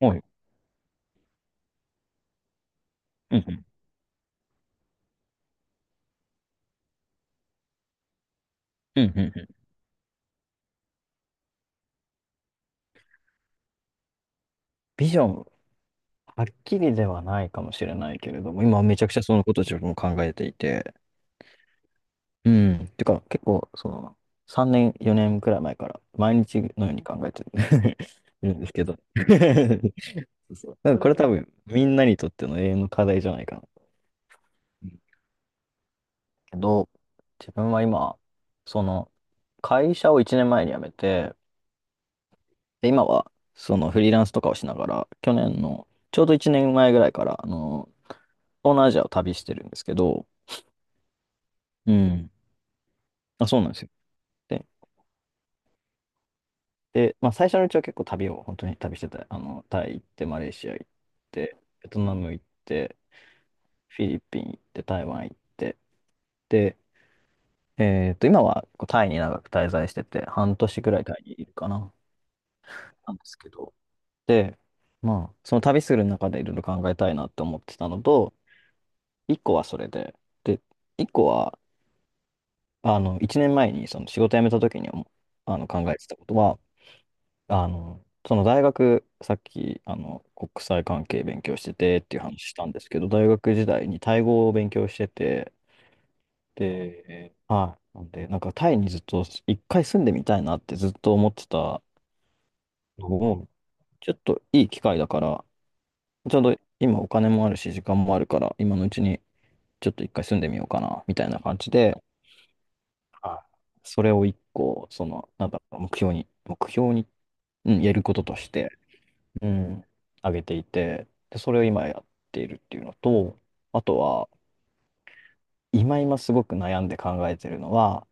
はい。うんうん。うんうんうん。ビジョン、はっきりではないかもしれないけれども、今めちゃくちゃそのことを自分も考えていて、うん。てか、結構、その、3年、4年くらい前から、毎日のように考えて いるんですけど。そうそう。なんかこれ多分、みんなにとっての永遠の課題じゃないかな。うん。けど、自分は今、その、会社を1年前に辞めて、で、今は、その、フリーランスとかをしながら、去年の、ちょうど1年前ぐらいから、あの、東南アジアを旅してるんですけど、うん。あ、そうなんですよ。で、で、まあ、最初のうちは結構旅を本当に旅してた。あの、タイ行って、マレーシア行って、ベトナム行って、フィリピン行って、台湾行って、で、今はこうタイに長く滞在してて、半年ぐらいタイにいるかな、なんですけど。で、まあ、その旅する中でいろいろ考えたいなって思ってたのと、一個はそれで、で、一個は、あの、一年前にその仕事辞めた時にあの考えてたことは、あの、その大学、さっき、あの、国際関係勉強しててっていう話したんですけど、大学時代にタイ語を勉強してて、で、はい。なんで、なんかタイにずっと一回住んでみたいなってずっと思ってたのを、ちょっといい機会だから、ちょうど今お金もあるし、時間もあるから、今のうちにちょっと一回住んでみようかな、みたいな感じで、はい。それを一個、その、なんだろう、目標に、目標に、うん、やることとして、うん、上げていて、で、それを今やっているっていうのと、あとは、今すごく悩んで考えてるのは、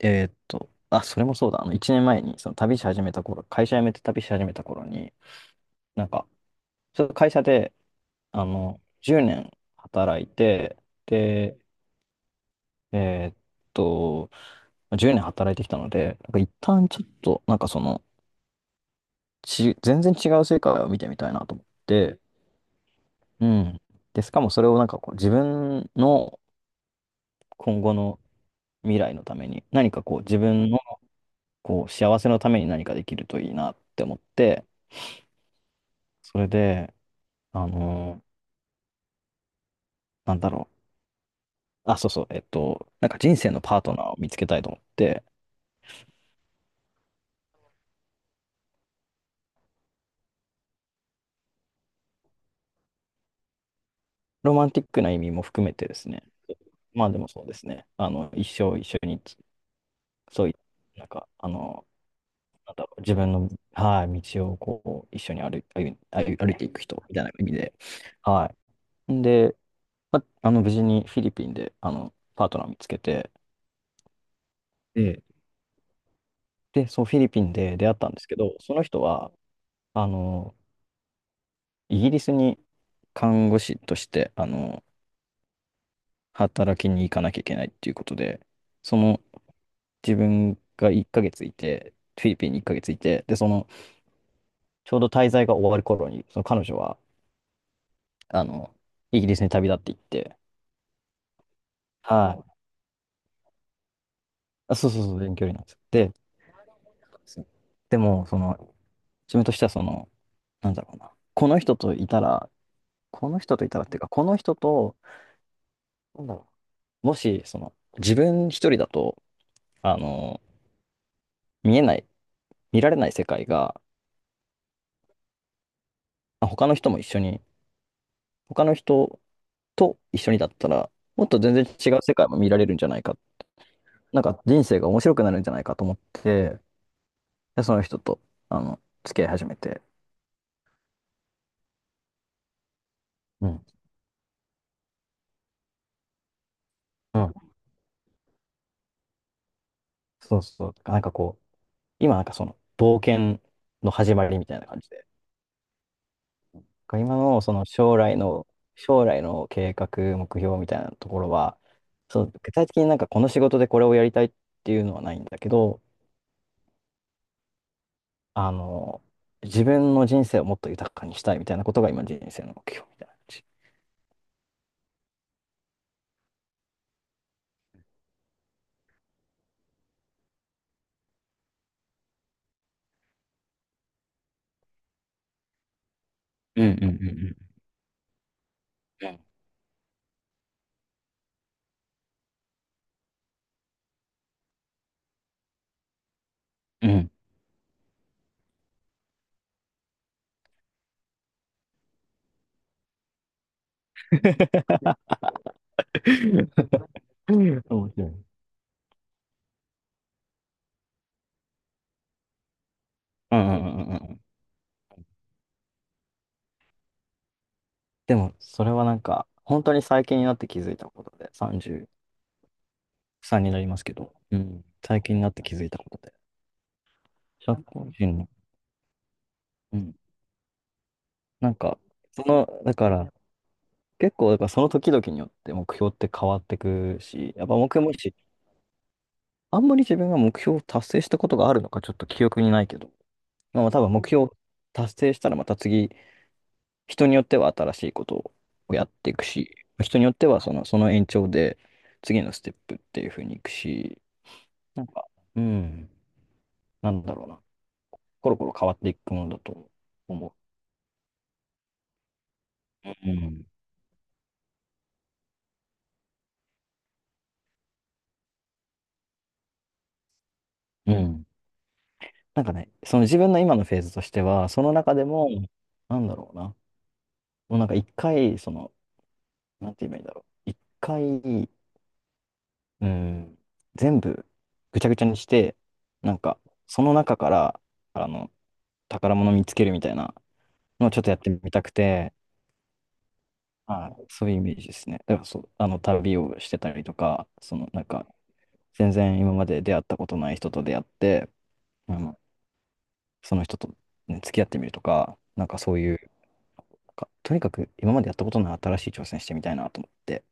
あ、それもそうだ、あの、1年前に、その旅し始めた頃、会社辞めて旅し始めた頃に、なんか、ちょっと会社で、あの、10年働いて、で、えーっと、10年働いてきたので、なんか一旦ちょっと、なんかその、全然違う世界を見てみたいなと思って、うん。で、しかもそれをなんかこう自分の今後の未来のために、何かこう自分のこう幸せのために何かできるといいなって思って、それで、あのーなんだろう。あ、そうそう、なんか人生のパートナーを見つけたいと思って、ロマンティックな意味も含めてですね、まあでもそうですね、あの、一生一緒に、そういう、なんか、あの、なんだろう、自分の、はい、道をこう、一緒に歩いていく人みたいな意味で、はい。んで、まあ、あの、無事にフィリピンで、あの、パートナー見つけて、えで、そう、フィリピンで出会ったんですけど、その人は、あの、イギリスに看護師として、あの、働きに行かなきゃいけないっていうことで、その、自分が1ヶ月いて、フィリピンに1ヶ月いて、で、その、ちょうど滞在が終わる頃に、その彼女は、あの、イギリスに旅立っていって、はい。あ、そうそうそう、遠距離なんですよ。で、でも、その、自分としては、その、なんだろうな、この人といたら、この人といたらっていうか、この人と、なんだろう、もし、その、自分一人だと、あの、見えない、見られない世界が、まあ他の人も一緒に、他の人と一緒にだったら、もっと全然違う世界も見られるんじゃないか、なんか人生が面白くなるんじゃないかと思って、でその人と、あの、付き合い始めて。うん。うん。そうそう。なんかこう、今なんかその、冒険の始まりみたいな感じで。今のその将来の、計画、目標みたいなところは、そう、具体的になんかこの仕事でこれをやりたいっていうのはないんだけど、あの、自分の人生をもっと豊かにしたいみたいなことが今人生の目標みたいな感じ。うんうんうんうん。うん。うん 面白い。うんうんうんうん。でも、それはなんか、本当に最近になって気づいたことで、33になりますけど、うん。最近になって気づいたことで、社交人の、うん。なんか、その、だから、結構、だからその時々によって目標って変わってくし、やっぱ目標もし、あんまり自分が目標を達成したことがあるのか、ちょっと記憶にないけど、まあ多分目標を達成したらまた次、人によっては新しいことをやっていくし、人によってはその延長で次のステップっていう風にいくし、なんか、うん、なんだろうな、コロコロ変わっていくものだと思う。うん。うん。なんかね、その自分の今のフェーズとしては、その中でも、なんだろうな、もうなんか一回、その、なんて言えばいいんだろう、一回、うん、全部ぐちゃぐちゃにして、なんか、その中から、あの、宝物見つけるみたいなのをちょっとやってみたくて、はい、そういうイメージですね。だからそう、あの、旅をしてたりとか、その、なんか、全然今まで出会ったことない人と出会って、あの、その人と、ね、付き合ってみるとか、なんかそういう、とにかく今までやったことのない新しい挑戦してみたいなと思って。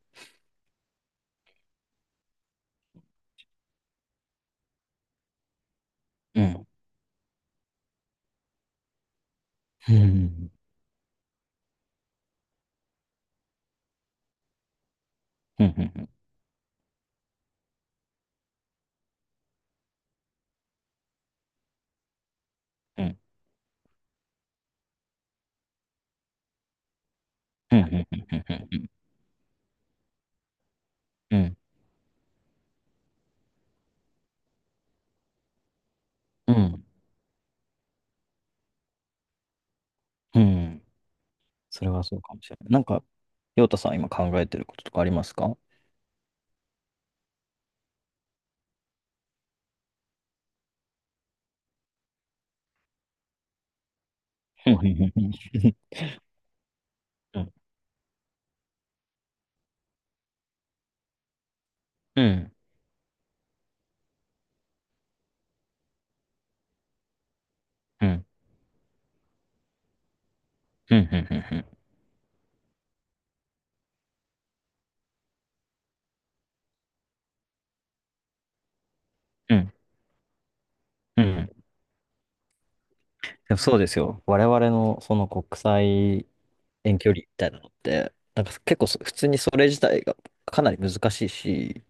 うん。うん。うん。うん。うん。うん。うん。うん。うん。うん。それはそうかもしれない。なんか、陽太さん、今考えてることとかありますか？うん。うん。うん。うん。うん。うん。うん。うん。でもそうですよ。我々のその国際遠距離みたいなのって、なんか結構普通にそれ自体がかなり難しいし、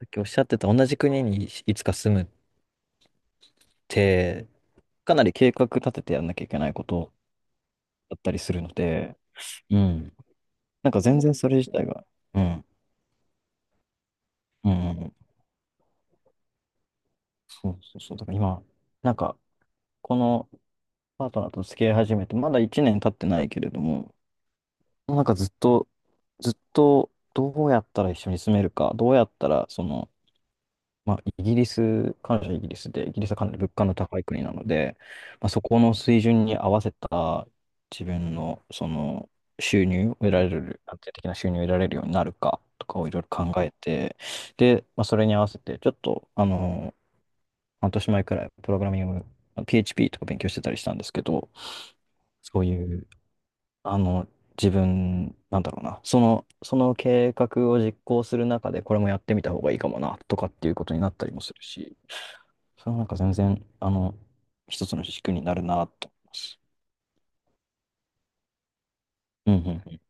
さっきおっしゃってた同じ国にいつか住むって、かなり計画立ててやんなきゃいけないことだったりするので、うん。なんか全然それ自体が、うん。うん、うんうん。そうそうそう。だから今、なんか、このパートナーと付き合い始めて、まだ1年経ってないけれども、なんかずっと、どうやったら一緒に住めるか、どうやったら、その、まあ、イギリス、感謝イギリスで、イギリスはかなり物価の高い国なので、まあ、そこの水準に合わせた自分のその収入を得られる、安定的な収入を得られるようになるかとかをいろいろ考えて、で、まあ、それに合わせて、ちょっと、あの、半年前くらい、プログラミング、PHP とか勉強してたりしたんですけど、そういう、あの、自分、なんだろうな、その、計画を実行する中で、これもやってみた方がいいかもな、とかっていうことになったりもするし、それはなんか全然、あの、一つの軸になるなと思います。うん、うん、うん。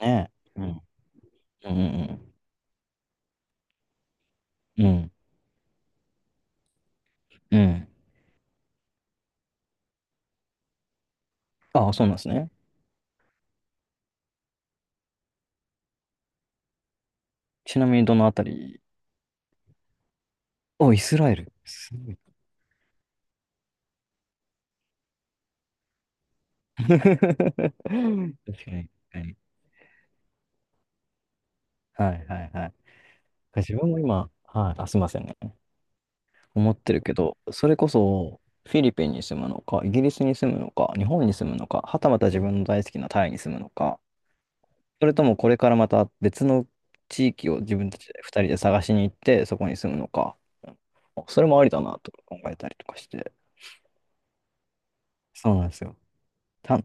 ねえ。うん、うん、うん、うん。うんうん。ああ、そうなんですね。ちなみにどのあたり？お、イスラエル。すごい。確かに、確かに。はい、はい、はい。自分も今、はい、あ、すいませんね。思ってるけど、それこそ、フィリピンに住むのか、イギリスに住むのか、日本に住むのか、はたまた自分の大好きなタイに住むのか、それともこれからまた別の地域を自分たちで人で探しに行って、そこに住むのか。うん。あ、それもありだなとか考えたりとかして。そうなんですよ。た、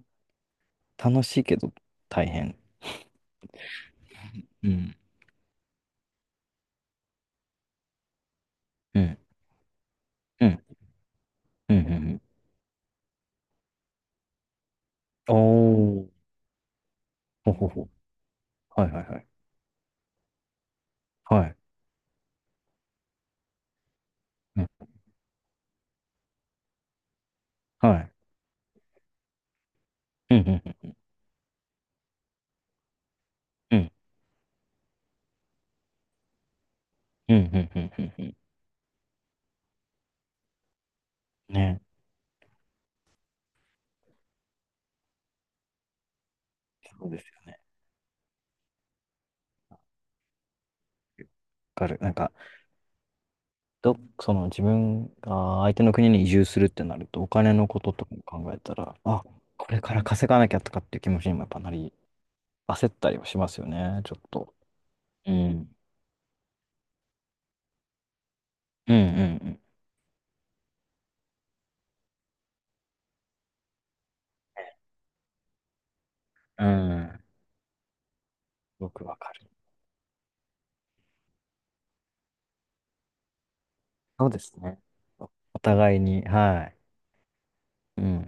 楽しいけど大変。うん。うん。うん。うん。うん。うん。おー。ほほほ。はいはいはい。はい。うん。はい。うん。うん。うん。うん。うん。うん。うんうんね。そうですよね。わかる。なんか、その自分が相手の国に移住するってなると、お金のこととかも考えたら、あ、これから稼がなきゃとかっていう気持ちにもやっぱなり、焦ったりはしますよね、ちょっと。うん。うんうんうん。うん。よくわかる。そうですね。お互いに、はい。うん。